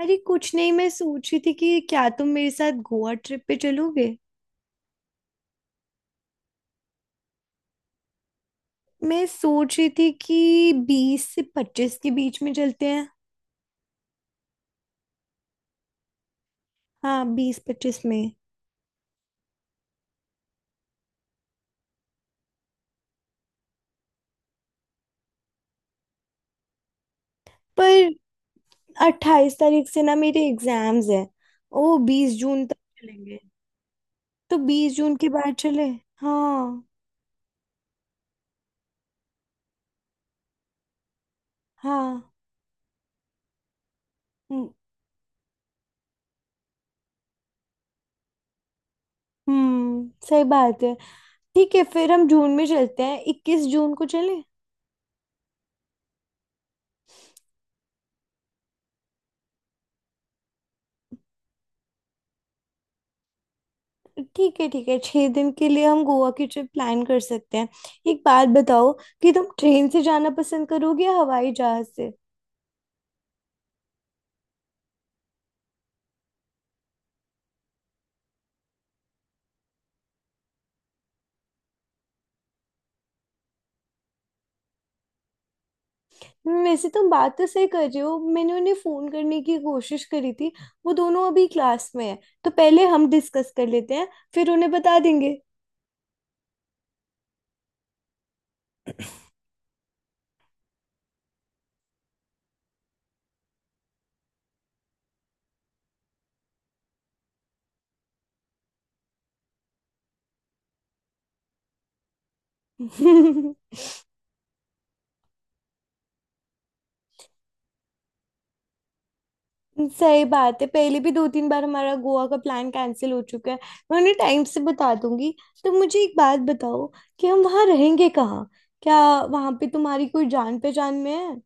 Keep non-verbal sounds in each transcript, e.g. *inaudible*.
अरे कुछ नहीं। मैं सोच रही थी कि क्या तुम मेरे साथ गोवा ट्रिप पे चलोगे। मैं सोच रही थी कि 20 से 25 के बीच में चलते हैं। हाँ, 20 25 में। पर 28 तारीख से ना मेरे एग्जाम्स हैं। ओ, 20 जून तक चलेंगे। तो बीस जून के बाद चले। हाँ, हाँ। हम्म, सही बात है। ठीक है, फिर हम जून में चलते हैं। 21 जून को चले। ठीक है, ठीक है, 6 दिन के लिए हम गोवा की ट्रिप प्लान कर सकते हैं। एक बात बताओ कि तुम ट्रेन से जाना पसंद करोगे या हवाई जहाज से। वैसे तुम बात तो सही कर रहे हो। मैंने उन्हें फोन करने की कोशिश करी थी। वो दोनों अभी क्लास में है, तो पहले हम डिस्कस कर लेते हैं, फिर उन्हें बता देंगे। *laughs* सही बात है, पहले भी 2 3 बार हमारा गोवा का प्लान कैंसिल हो चुका है। मैं उन्हें टाइम से बता दूंगी। तो मुझे एक बात बताओ कि हम वहाँ रहेंगे कहाँ। क्या वहाँ पे तुम्हारी कोई जान पहचान में है?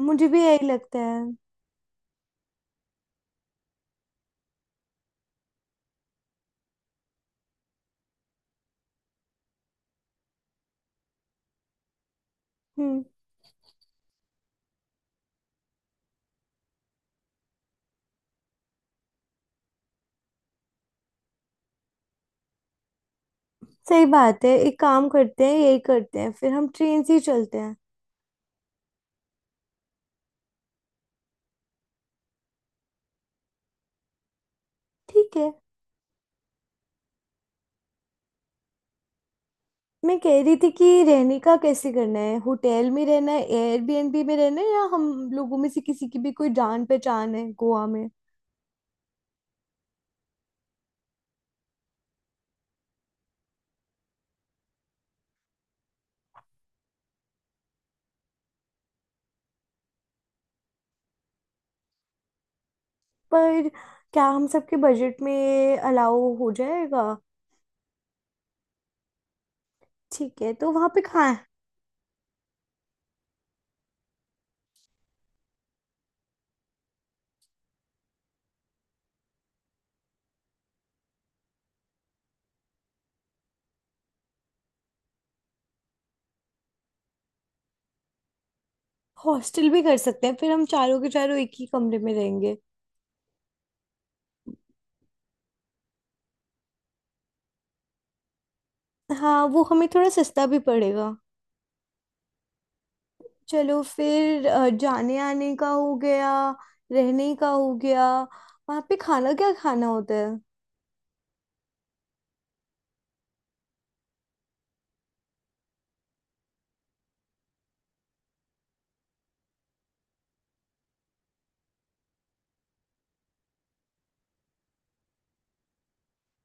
मुझे भी यही लगता है। हम्म, सही बात है। एक काम करते हैं, यही करते हैं, फिर हम ट्रेन से ही चलते हैं। ठीक है। मैं कह रही थी कि रहने का कैसे करना है, होटल में रहना है, एयरबीएनबी में रहना है, या हम लोगों में से किसी की भी कोई जान पहचान है गोवा में? पर क्या हम सबके बजट में अलाउ हो जाएगा? ठीक है, तो वहाँ पे कहाँ है? हॉस्टल भी कर सकते हैं, फिर हम चारों के चारों एक ही कमरे में रहेंगे। हाँ, वो हमें थोड़ा सस्ता भी पड़ेगा। चलो फिर, जाने आने का हो गया, रहने का हो गया, वहां पे खाना क्या खाना होता है?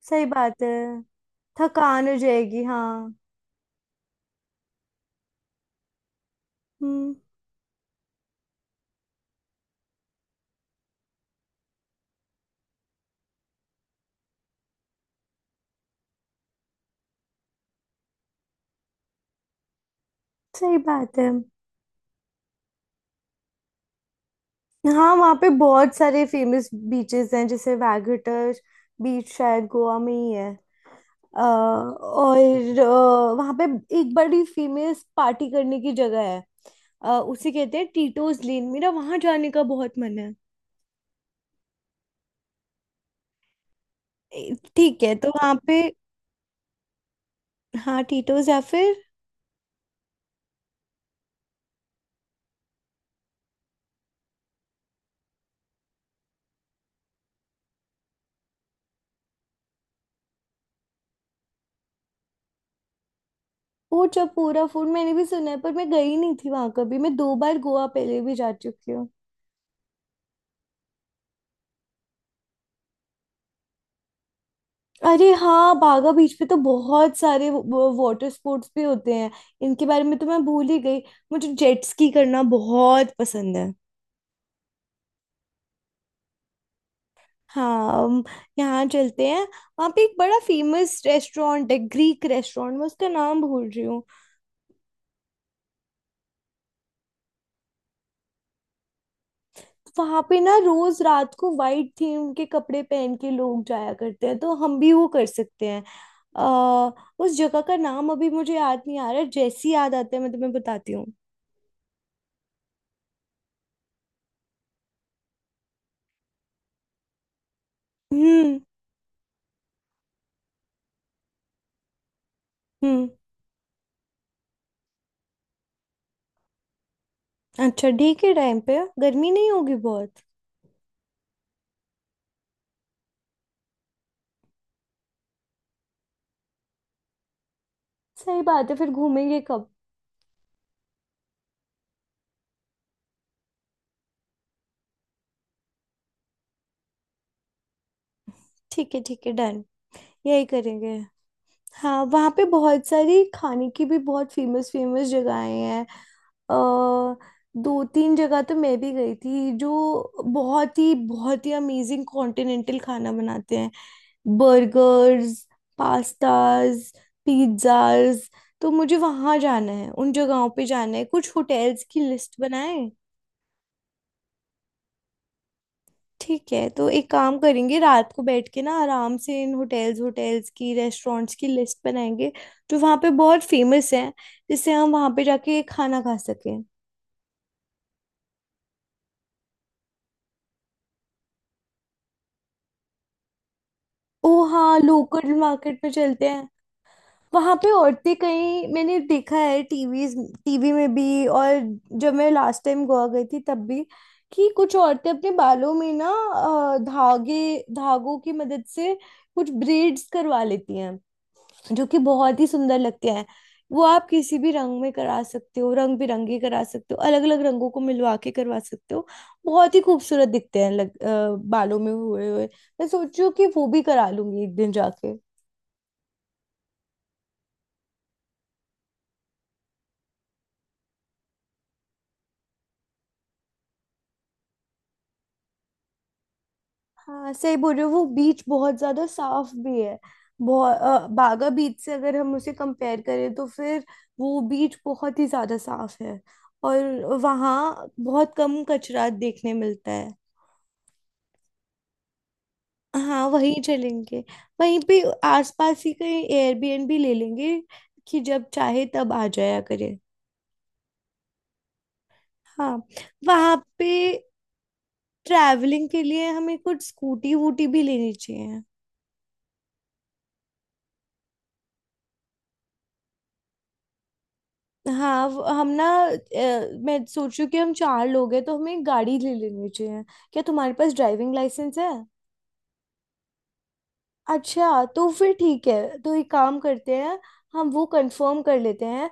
सही बात है। थकान हो जाएगी, हाँ। हम्म, सही बात है। हाँ, वहाँ पे बहुत सारे फेमस बीचेस हैं, जैसे वैगुटर बीच, शायद गोवा में ही है। और वहाँ पे एक बड़ी फेमस पार्टी करने की जगह है। उसे कहते हैं टीटोज लेन, मेरा वहाँ जाने का बहुत मन है। ठीक है, तो वहाँ पे हाँ टीटोज, या फिर वो चपूरा फूड मैंने भी सुना है, पर मैं गई नहीं थी वहां कभी। मैं 2 बार गोवा पहले भी जा चुकी हूँ। अरे हाँ, बागा बीच पे तो बहुत सारे वाटर स्पोर्ट्स भी होते हैं। इनके बारे में तो मैं भूल ही गई। मुझे जेट स्की करना बहुत पसंद है। हाँ, हम यहाँ चलते हैं। वहाँ पे एक बड़ा फेमस रेस्टोरेंट है, ग्रीक रेस्टोरेंट, मैं उसका नाम भूल रही हूँ। वहां पे ना रोज रात को वाइट थीम के कपड़े पहन के लोग जाया करते हैं, तो हम भी वो कर सकते हैं। आ, उस जगह का नाम अभी मुझे याद नहीं आ रहा है, जैसे ही याद आता है मैं तुम्हें बताती हूँ। हम्म, हम्म। अच्छा, ठीक है, टाइम पे गर्मी नहीं होगी बहुत। सही बात है, फिर घूमेंगे कब? ठीक है, ठीक है, डन। यही करेंगे। हाँ, वहाँ पे बहुत सारी खाने की भी बहुत फेमस फेमस जगहें हैं। अ दो तीन जगह तो मैं भी गई थी, जो बहुत ही अमेजिंग कॉन्टिनेंटल खाना बनाते हैं। Burgers, pastas, pizzas. तो मुझे वहाँ जाना है, उन जगहों पे जाना है, कुछ होटेल्स की लिस्ट बनाए। ठीक है, तो एक काम करेंगे। रात को बैठ के ना आराम से इन होटेल्स होटेल्स की रेस्टोरेंट्स की लिस्ट बनाएंगे, जो वहाँ पे बहुत फेमस हैं, जिससे हम वहाँ पे जाके खाना खा सकें। ओ हाँ, लोकल मार्केट में चलते हैं। वहाँ पे औरतें, कहीं मैंने देखा है टीवी, टीवी में भी, और जब मैं लास्ट टाइम गोवा गई थी तब भी, कि कुछ औरतें अपने बालों में ना धागे धागों की मदद से कुछ ब्रेड्स करवा लेती, जो कि बहुत ही सुंदर लगते हैं। वो आप किसी भी रंग में करा सकते हो, रंग बिरंगे करा सकते हो, अलग अलग रंगों को मिलवा के करवा सकते हो। बहुत ही खूबसूरत दिखते हैं बालों में हुए हुए। मैं सोच रही हूँ कि वो भी करा लूंगी एक दिन जाके। हाँ, सही बोल रहे हो, वो बीच बहुत ज्यादा साफ भी है। बहुत बागा बीच से अगर हम उसे कंपेयर करें, तो फिर वो बीच बहुत ही ज्यादा साफ है। और वहाँ बहुत कम कचरा देखने मिलता है। हाँ, वहीं चलेंगे। वहीं पे आसपास ही कहीं एयरबीएनबी ले लेंगे, कि जब चाहे तब आ जाया करे। हाँ, वहाँ पे ट्रैवलिंग के लिए हमें कुछ स्कूटी वूटी भी लेनी चाहिए। हाँ, वो- हम ना अ, मैं सोच रही हूँ कि हम चार लोग हैं, तो हमें एक गाड़ी ले लेनी चाहिए। क्या तुम्हारे पास ड्राइविंग लाइसेंस है? अच्छा, तो फिर ठीक है, तो एक काम करते हैं। हम वो कंफर्म कर लेते हैं,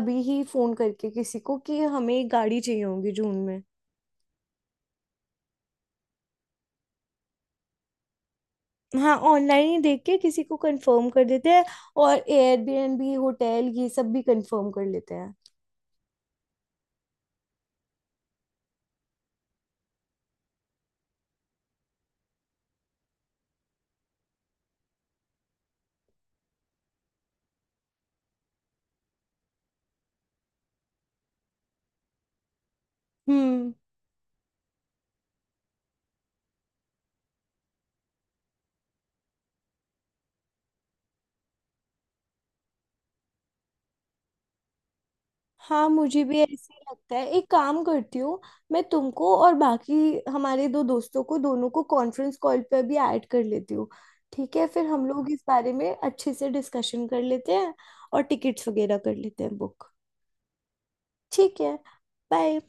अभी ही फोन करके किसी को, कि हमें एक गाड़ी चाहिए होगी जून में। हाँ, ऑनलाइन ही देख के किसी को कंफर्म कर देते हैं, और एयरबीएनबी होटल ये सब भी कंफर्म कर लेते हैं। हम्म, हाँ, मुझे भी ऐसे ही लगता है। एक काम करती हूँ, मैं तुमको और बाकी हमारे दो दोस्तों को, दोनों को कॉन्फ्रेंस कॉल पर भी ऐड कर लेती हूँ। ठीक है, फिर हम लोग इस बारे में अच्छे से डिस्कशन कर लेते हैं, और टिकट्स वगैरह कर लेते हैं बुक। ठीक है, बाय।